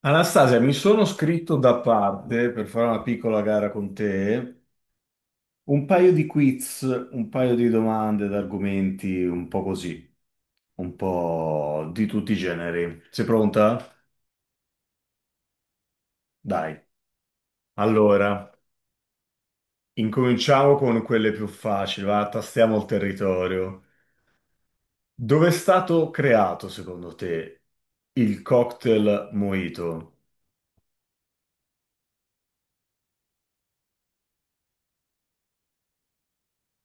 Anastasia, mi sono scritto da parte per fare una piccola gara con te, un paio di quiz, un paio di domande, d'argomenti, un po' così, un po' di tutti i generi. Sei pronta? Dai. Allora, incominciamo con quelle più facili, va, tastiamo il territorio. Dove è stato creato, secondo te, il cocktail mojito?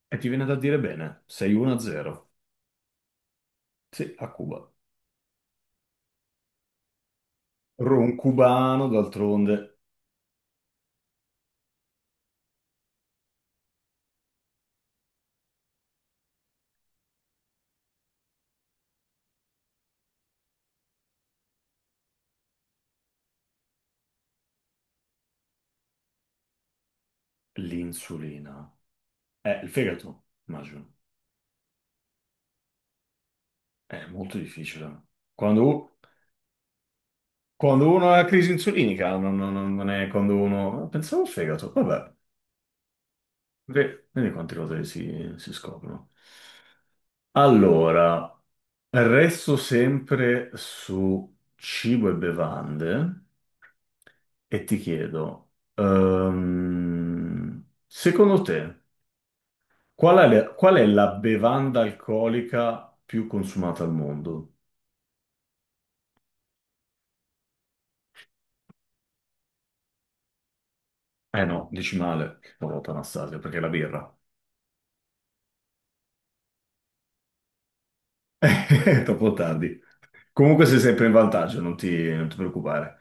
E ti viene da dire bene, sei 1-0. Sì, a Cuba. Rum cubano, d'altronde. L'insulina. Il fegato, immagino. È molto difficile. Quando, u- Quando uno ha crisi insulinica, non è quando uno... Pensavo al fegato, vabbè. Vedi quante cose si scoprono. Allora, resto sempre su cibo e bevande e ti chiedo, secondo te, qual è la bevanda alcolica più consumata al mondo? Eh no, dici male, che porata Anastasia, perché è la birra. È troppo tardi. Comunque sei sempre in vantaggio, non ti preoccupare.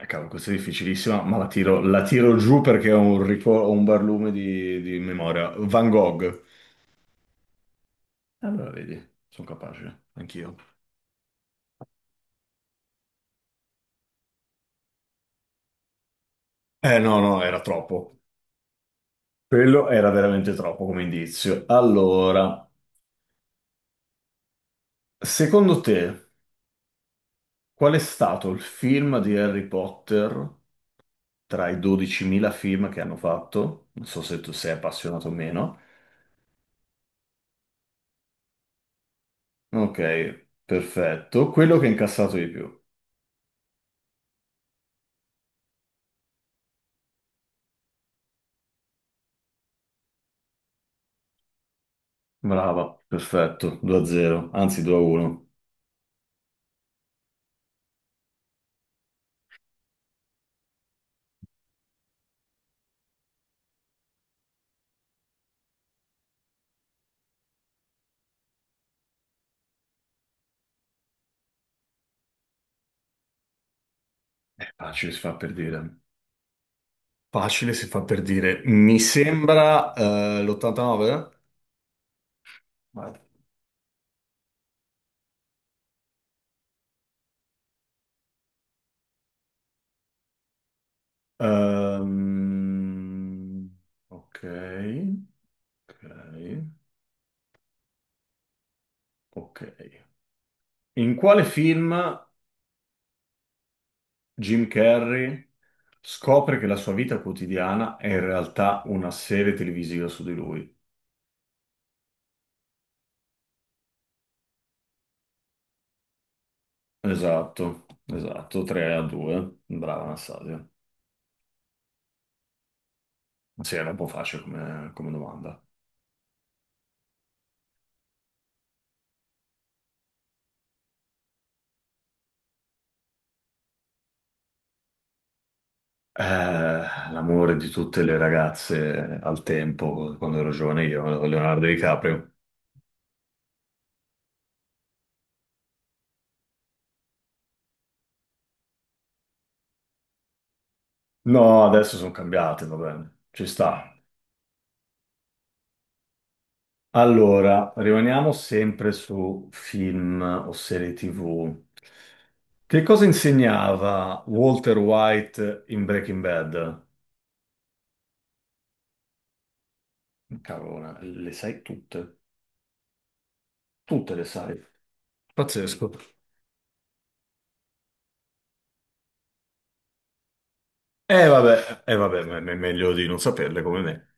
Cavolo, questa è difficilissima, ma la tiro giù perché ho ho un barlume di memoria. Van Gogh. Allora, vedi, sono capace, anch'io. Eh no, no, era troppo. Quello era veramente troppo come indizio. Allora, secondo te, qual è stato il film di Harry Potter tra i 12.000 film che hanno fatto? Non so se tu sei appassionato o meno. Ok, perfetto. Quello che ha incassato di più. Brava, perfetto, 2-0, anzi 2-1. Facile si fa per dire. Facile si fa per dire. Mi sembra l'89? Vai. Ehm, ok, ok, ok. In quale film Jim Carrey scopre che la sua vita quotidiana è in realtà una serie televisiva su di lui. Esatto, esatto, 3 a 2. Brava Anastasia. Sì, era un po' facile come domanda. Eh, l'amore di tutte le ragazze al tempo, quando ero giovane io, Leonardo DiCaprio. No, adesso sono cambiate, va bene, ci sta. Allora, rimaniamo sempre su film o serie TV. Che cosa insegnava Walter White in Breaking Bad? Cavolo, le sai tutte, tutte le sai. Pazzesco. Eh vabbè, meglio di non saperle come me.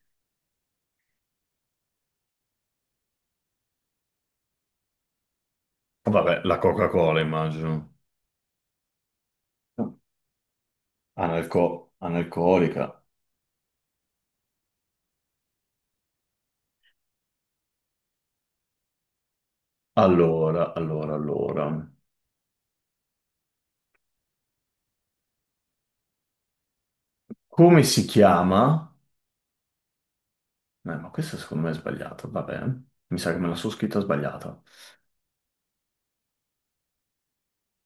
Vabbè, la Coca-Cola immagino. Analcolica. Allora. Come si chiama? Beh, ma questo secondo me è sbagliato, vabbè, mi sa che me la sono scritta sbagliata.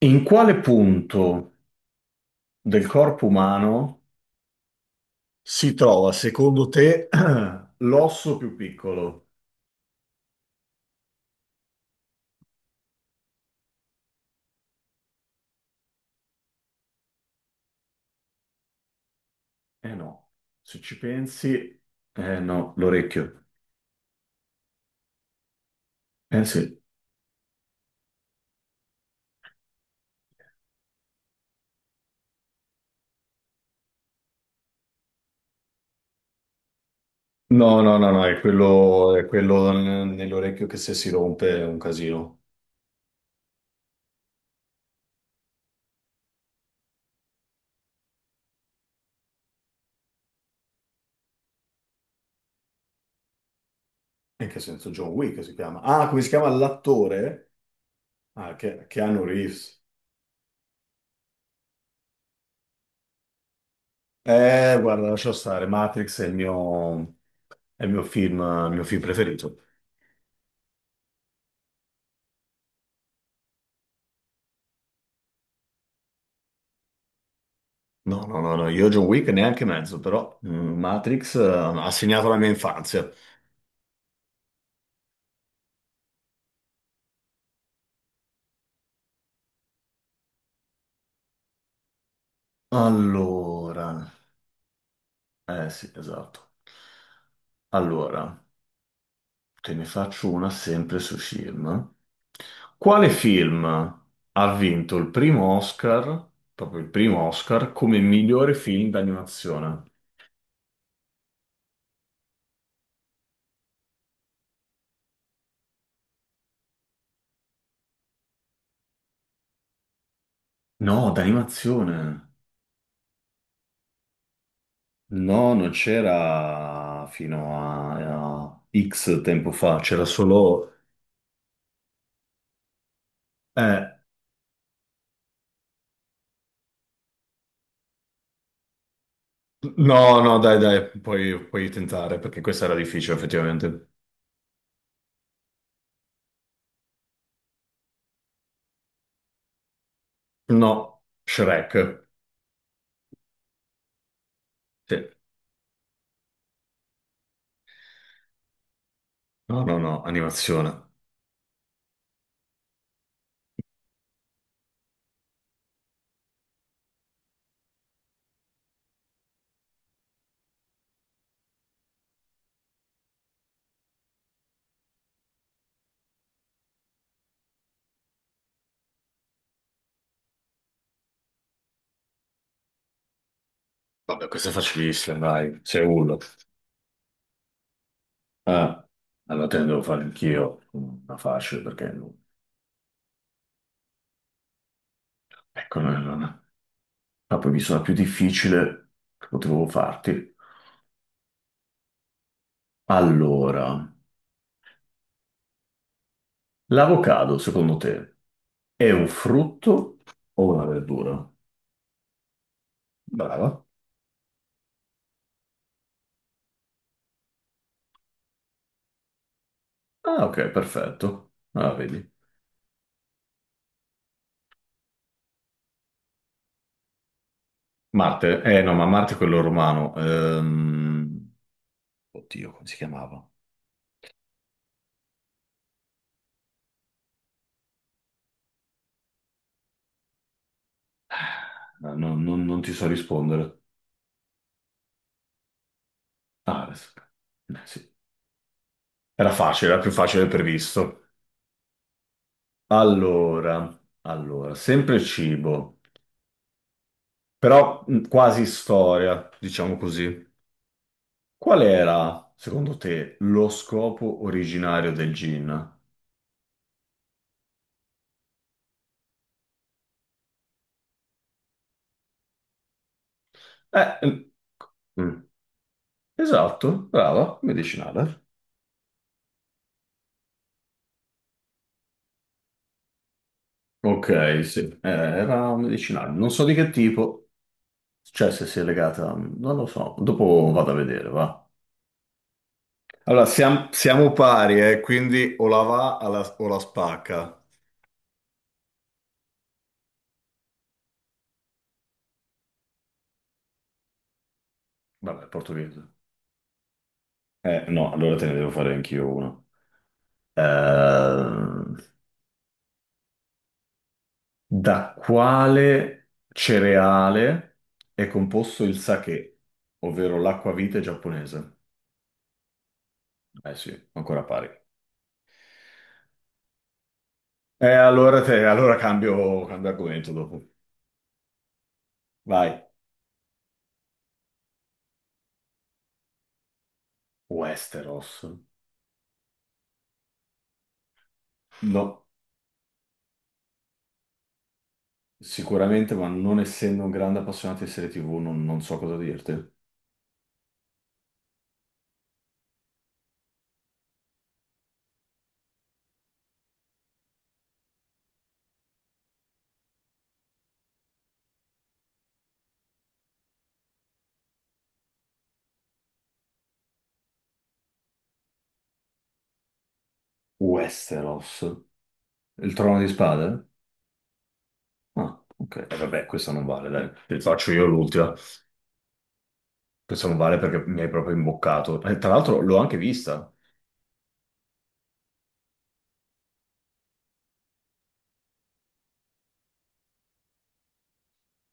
In quale punto del corpo umano si trova, secondo te, l'osso più piccolo? Eh no, se ci pensi, eh no, l'orecchio. Eh sì. No, è quello nell'orecchio che se si rompe è un casino. In che senso? John Wick si chiama. Ah, come si chiama l'attore? Ah, che, Keanu Reeves. Guarda, lascia stare, Matrix è il mio... È il mio film preferito. No, io John Wick neanche mezzo, però mm, Matrix ha segnato la mia infanzia. Allora, eh sì, esatto. Allora, te ne faccio una sempre su film. Quale film ha vinto il primo Oscar, proprio il primo Oscar, come migliore film d'animazione? No, d'animazione. No, non c'era fino a X tempo fa, c'era solo... Eh, no, no, dai, dai, puoi, puoi tentare perché questa era difficile, effettivamente. No, Shrek. Sì. No, no, no, animazione. Vabbè, questa è facilissima, dai, Seul. Ah, allora te ne devo fare anch'io una facile perché non... Ecco, ma poi mi sono più difficile che potevo farti. Allora, l'avocado, secondo te, è un frutto o una verdura? Brava. Ah, ok, perfetto. Ah, vedi. Marte, eh no, ma Marte è quello romano. Oddio, come si chiamava? Non ti so rispondere. Ares. Sì. Era facile, era più facile del previsto. Allora, sempre cibo, però quasi storia, diciamo così. Qual era, secondo te, lo scopo originario del gin? Eh, eh, mm. Esatto, brava, medicinale. Ok, sì, era medicinale. Non so di che tipo. Cioè, se si è legata, non lo so. Dopo vado a vedere, va. Allora, siamo pari, quindi o la va alla- o la spacca. Vabbè, portoghese. No, allora te ne devo fare anch'io una. Ehm, da quale cereale è composto il sake, ovvero l'acquavite giapponese? Eh sì, ancora pari. Allora, allora cambio, cambio argomento dopo. Vai. Westeros. No. Sicuramente, ma non essendo un grande appassionato di serie TV, non so cosa dirti. Westeros. Il trono di spade? Ah, ok. E vabbè, questo non vale, dai. Te ne faccio io l'ultima. Questo non vale perché mi hai proprio imboccato. E tra l'altro l'ho anche vista.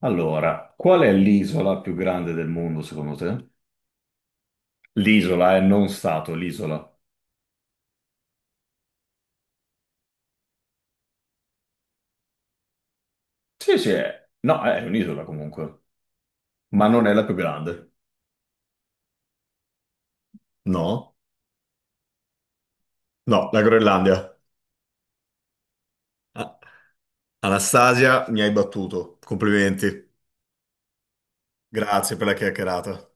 Allora, qual è l'isola più grande del mondo, secondo te? L'isola è non stato, l'isola. Sì, sì, è. No, è un'isola comunque. Ma non è la più grande. No, no, la Groenlandia. Ah, Anastasia, mi hai battuto. Complimenti. Grazie per la chiacchierata.